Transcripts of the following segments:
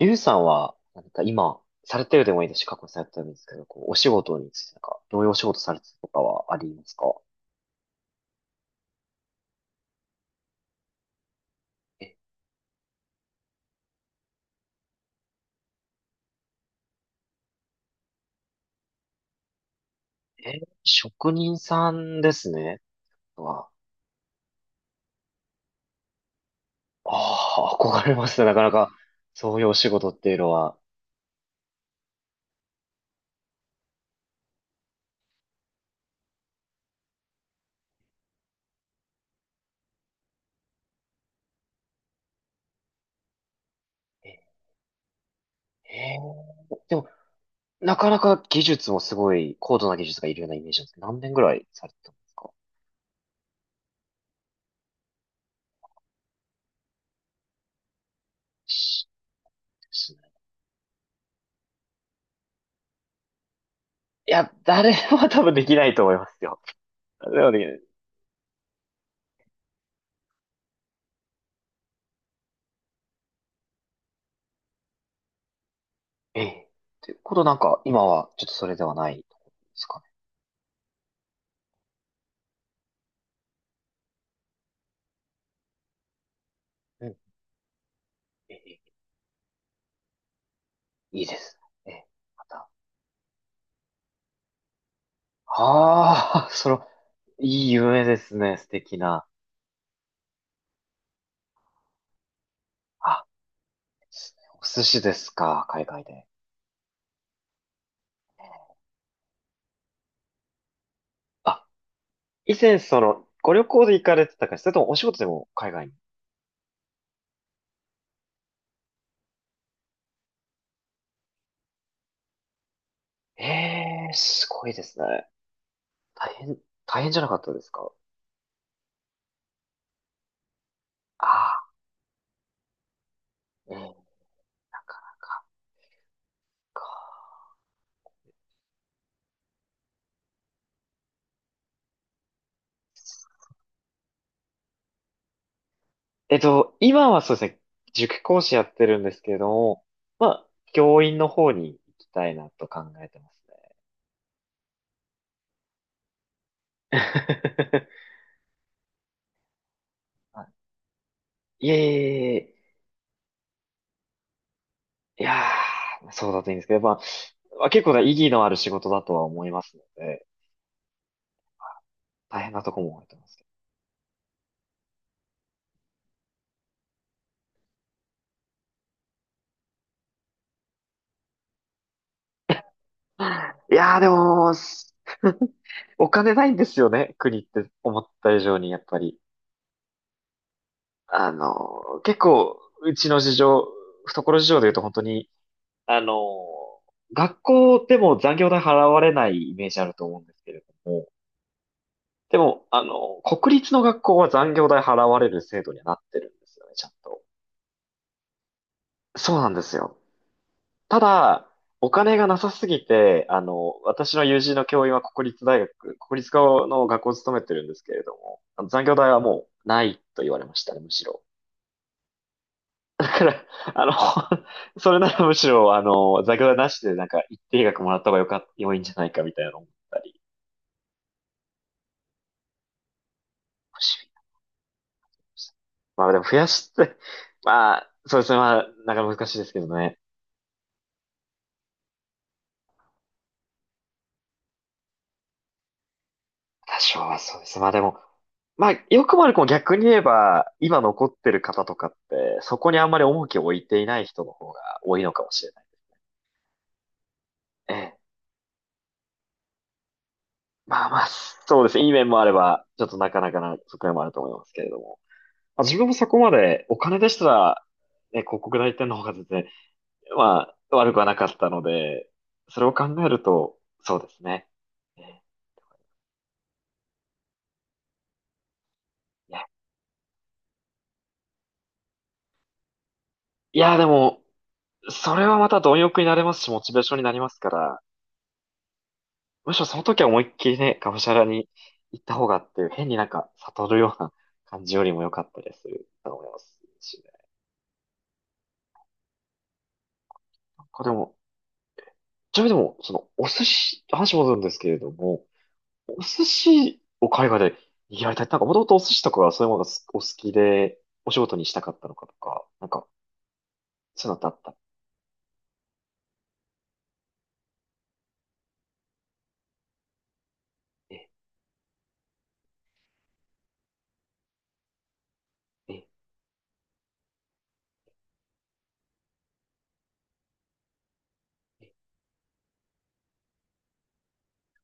ゆうさんは、なんか今、されてるでもいいですし、過去にされてるんですけど、こう、お仕事について、なんか、どういうお仕事されてるとかはありますか？え、えー、職人さんですね。は、ああ、憧れますね。なかなか、そういうお仕事っていうのは。え、えでも、なかなか技術もすごい、高度な技術がいるようなイメージなんですけど、何年ぐらいされてたんですか？し、ですね。いや、誰も多分できないと思いますよ。でもね、ええ。ってことなんか、今はちょっとそれではないところですかね。うん、ええ、いいですね。ええ、また。ああ、その、いい夢ですね。素敵な。あ、お寿司ですか、海外で。あ、以前その、ご旅行で行かれてたか、それともお仕事でも海外に。ええ、すごいですね。大変、大変、じゃなかったですか？ああ、ええ、なかなか。か、今はそうですね、塾講師やってるんですけれども、まあ、教員の方に行きたいなと考えてますね。あ、いえいえいえ、いやー、そうだといいんですけど、まあ結構な意義のある仕事だとは思いますので、大変なとこも思ってますけど。いやー、でも、お金ないんですよね、国って思った以上に、やっぱり。結構、うちの事情、懐事情で言うと本当に、あの、学校でも残業代払われないイメージあると思うんですけれども、でも、国立の学校は残業代払われる制度にはなってるんですよね、ちゃんと。そうなんですよ。ただ、お金がなさすぎて、私の友人の教員は国立大学、国立の学校を勤めてるんですけれども、あの残業代はもうないと言われましたね、むしろ。だから、あの、それならむしろ、残業代なしでなんか一定額もらった方がよかっ、良いんじゃないかみたいなのを思ったり。まあでも増やして、まあ、そうですね。まあ、なかなか難しいですけどね。多少はそうです。まあでも、まあ、よくも悪くも逆に言えば、今残ってる方とかって、そこにあんまり重きを置いていない人の方が多いのかもしれない。ええ。まあまあ、そうですね。いい面もあれば、ちょっとなかなかな側面もあると思いますけれども。まあ、自分もそこまで、お金でしたら、ね、広告代理店の方が全然、まあ、悪くはなかったので、それを考えると、そうですね。ええ、いや、いやでも、それはまた貪欲になれますし、モチベーションになりますから、むしろその時は思いっきりね、がむしゃらに行った方がっていう、変になんか悟るような感じよりも良かったりすると思いますしね。なんかでも、ちなみにでも、その、お寿司、話戻るんですけれども、お寿司を海外でやりたい。なんか、もともとお寿司とかそういうものがお好きで、お仕事にしたかったのかとか、なんか、そういうのってあった。え、え、え、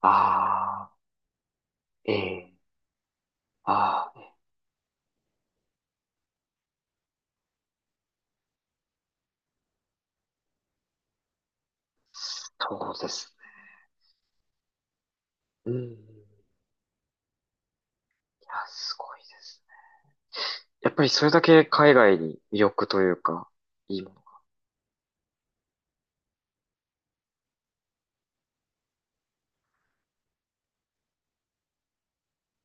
あー、あー、そうですね。うん。いや、すごいですね。やっぱりそれだけ海外に魅力というか、いいもの。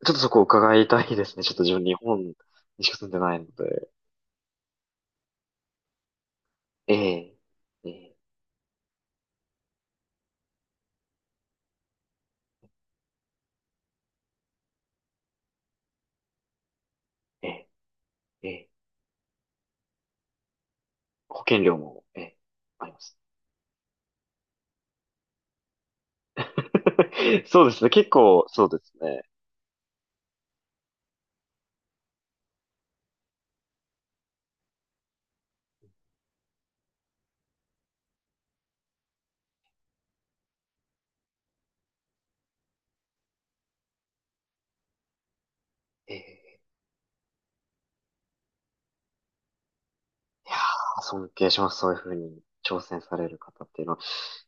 ちょっとそこを伺いたいですね。ちょっと自分日本にしか住んでないので。ええ、ええ、ええ、ええ、保険料も、ええ、あります。そうですね。結構、そうですね。ええ、いやー、尊敬します。そういうふうに挑戦される方っていうのは。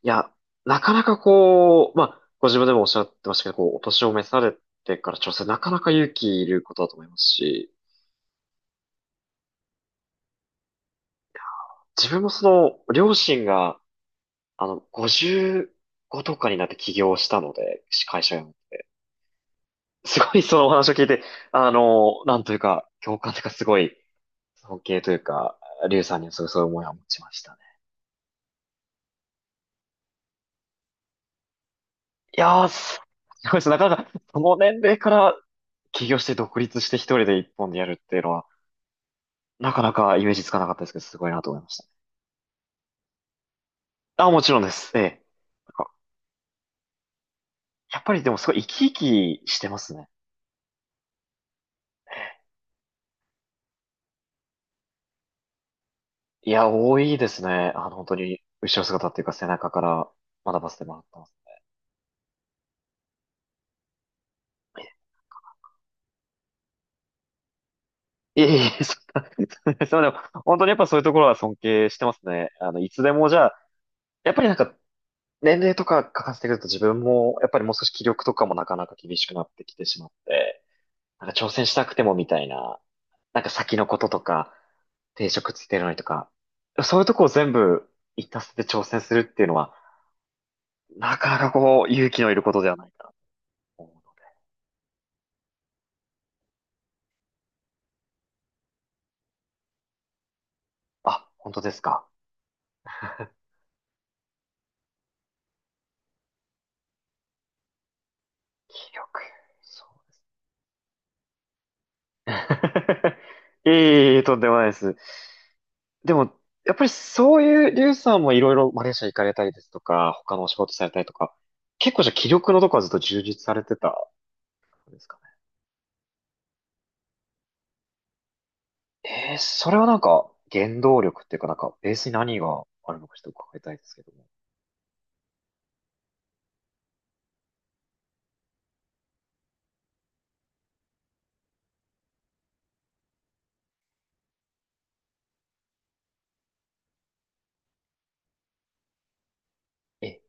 いや、なかなかこう、まあ、ご自分でもおっしゃってましたけど、こう、お年を召されてから挑戦、なかなか勇気いることだと思いますし、自分も両親が、55とかになって起業したので、会社を。すごいそのお話を聞いて、なんというか、共感というか、すごい、尊敬というか、リュウさんにはすごいそういう思いは持ちましたね。いやー、すごいです。なかなか、その年齢から起業して独立して一人で一本でやるっていうのは、なかなかイメージつかなかったですけど、すごいなと思いましたね。あ、もちろんです。ええ。なんかやっぱりでもすごい生き生きしてますね。いや、多いですね。本当に、後ろ姿っていうか背中から学ばせてもらってます。いえいえ、そんな、そうでも、本当にやっぱそういうところは尊敬してますね。いつでもじゃあ、やっぱりなんか、年齢とか書かせてくると自分も、やっぱりもう少し気力とかもなかなか厳しくなってきてしまって、なんか挑戦したくてもみたいな、なんか先のこととか、定職ついてるのにとか、そういうとこを全部一たせて挑戦するっていうのは、なかなかこう、勇気のいることではないかなと思うの。あ、本当ですか？記憶。そうですね。いえいえいえ、とんでもないです。でも、やっぱりそういう、リュウさんもいろいろマレーシア行かれたりですとか、他のお仕事されたりとか、結構じゃあ気力のとこはずっと充実されてたんですかね。それはなんか、原動力っていうか、なんか、ベースに何があるのかちょっと伺いたいですけども。え、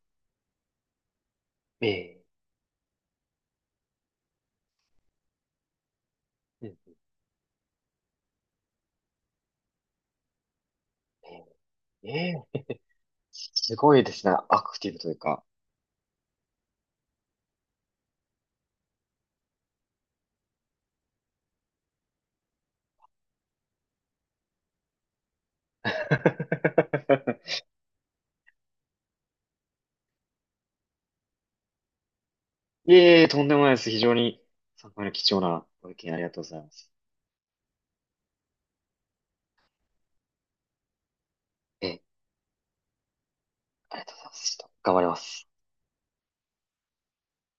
えー、えええー、すごいですね。アクティブというか。いえいえ、とんでもないです。非常に参考になる貴重なご意見ありがとうございます。えーありがとうございます。ちょっと頑張ります。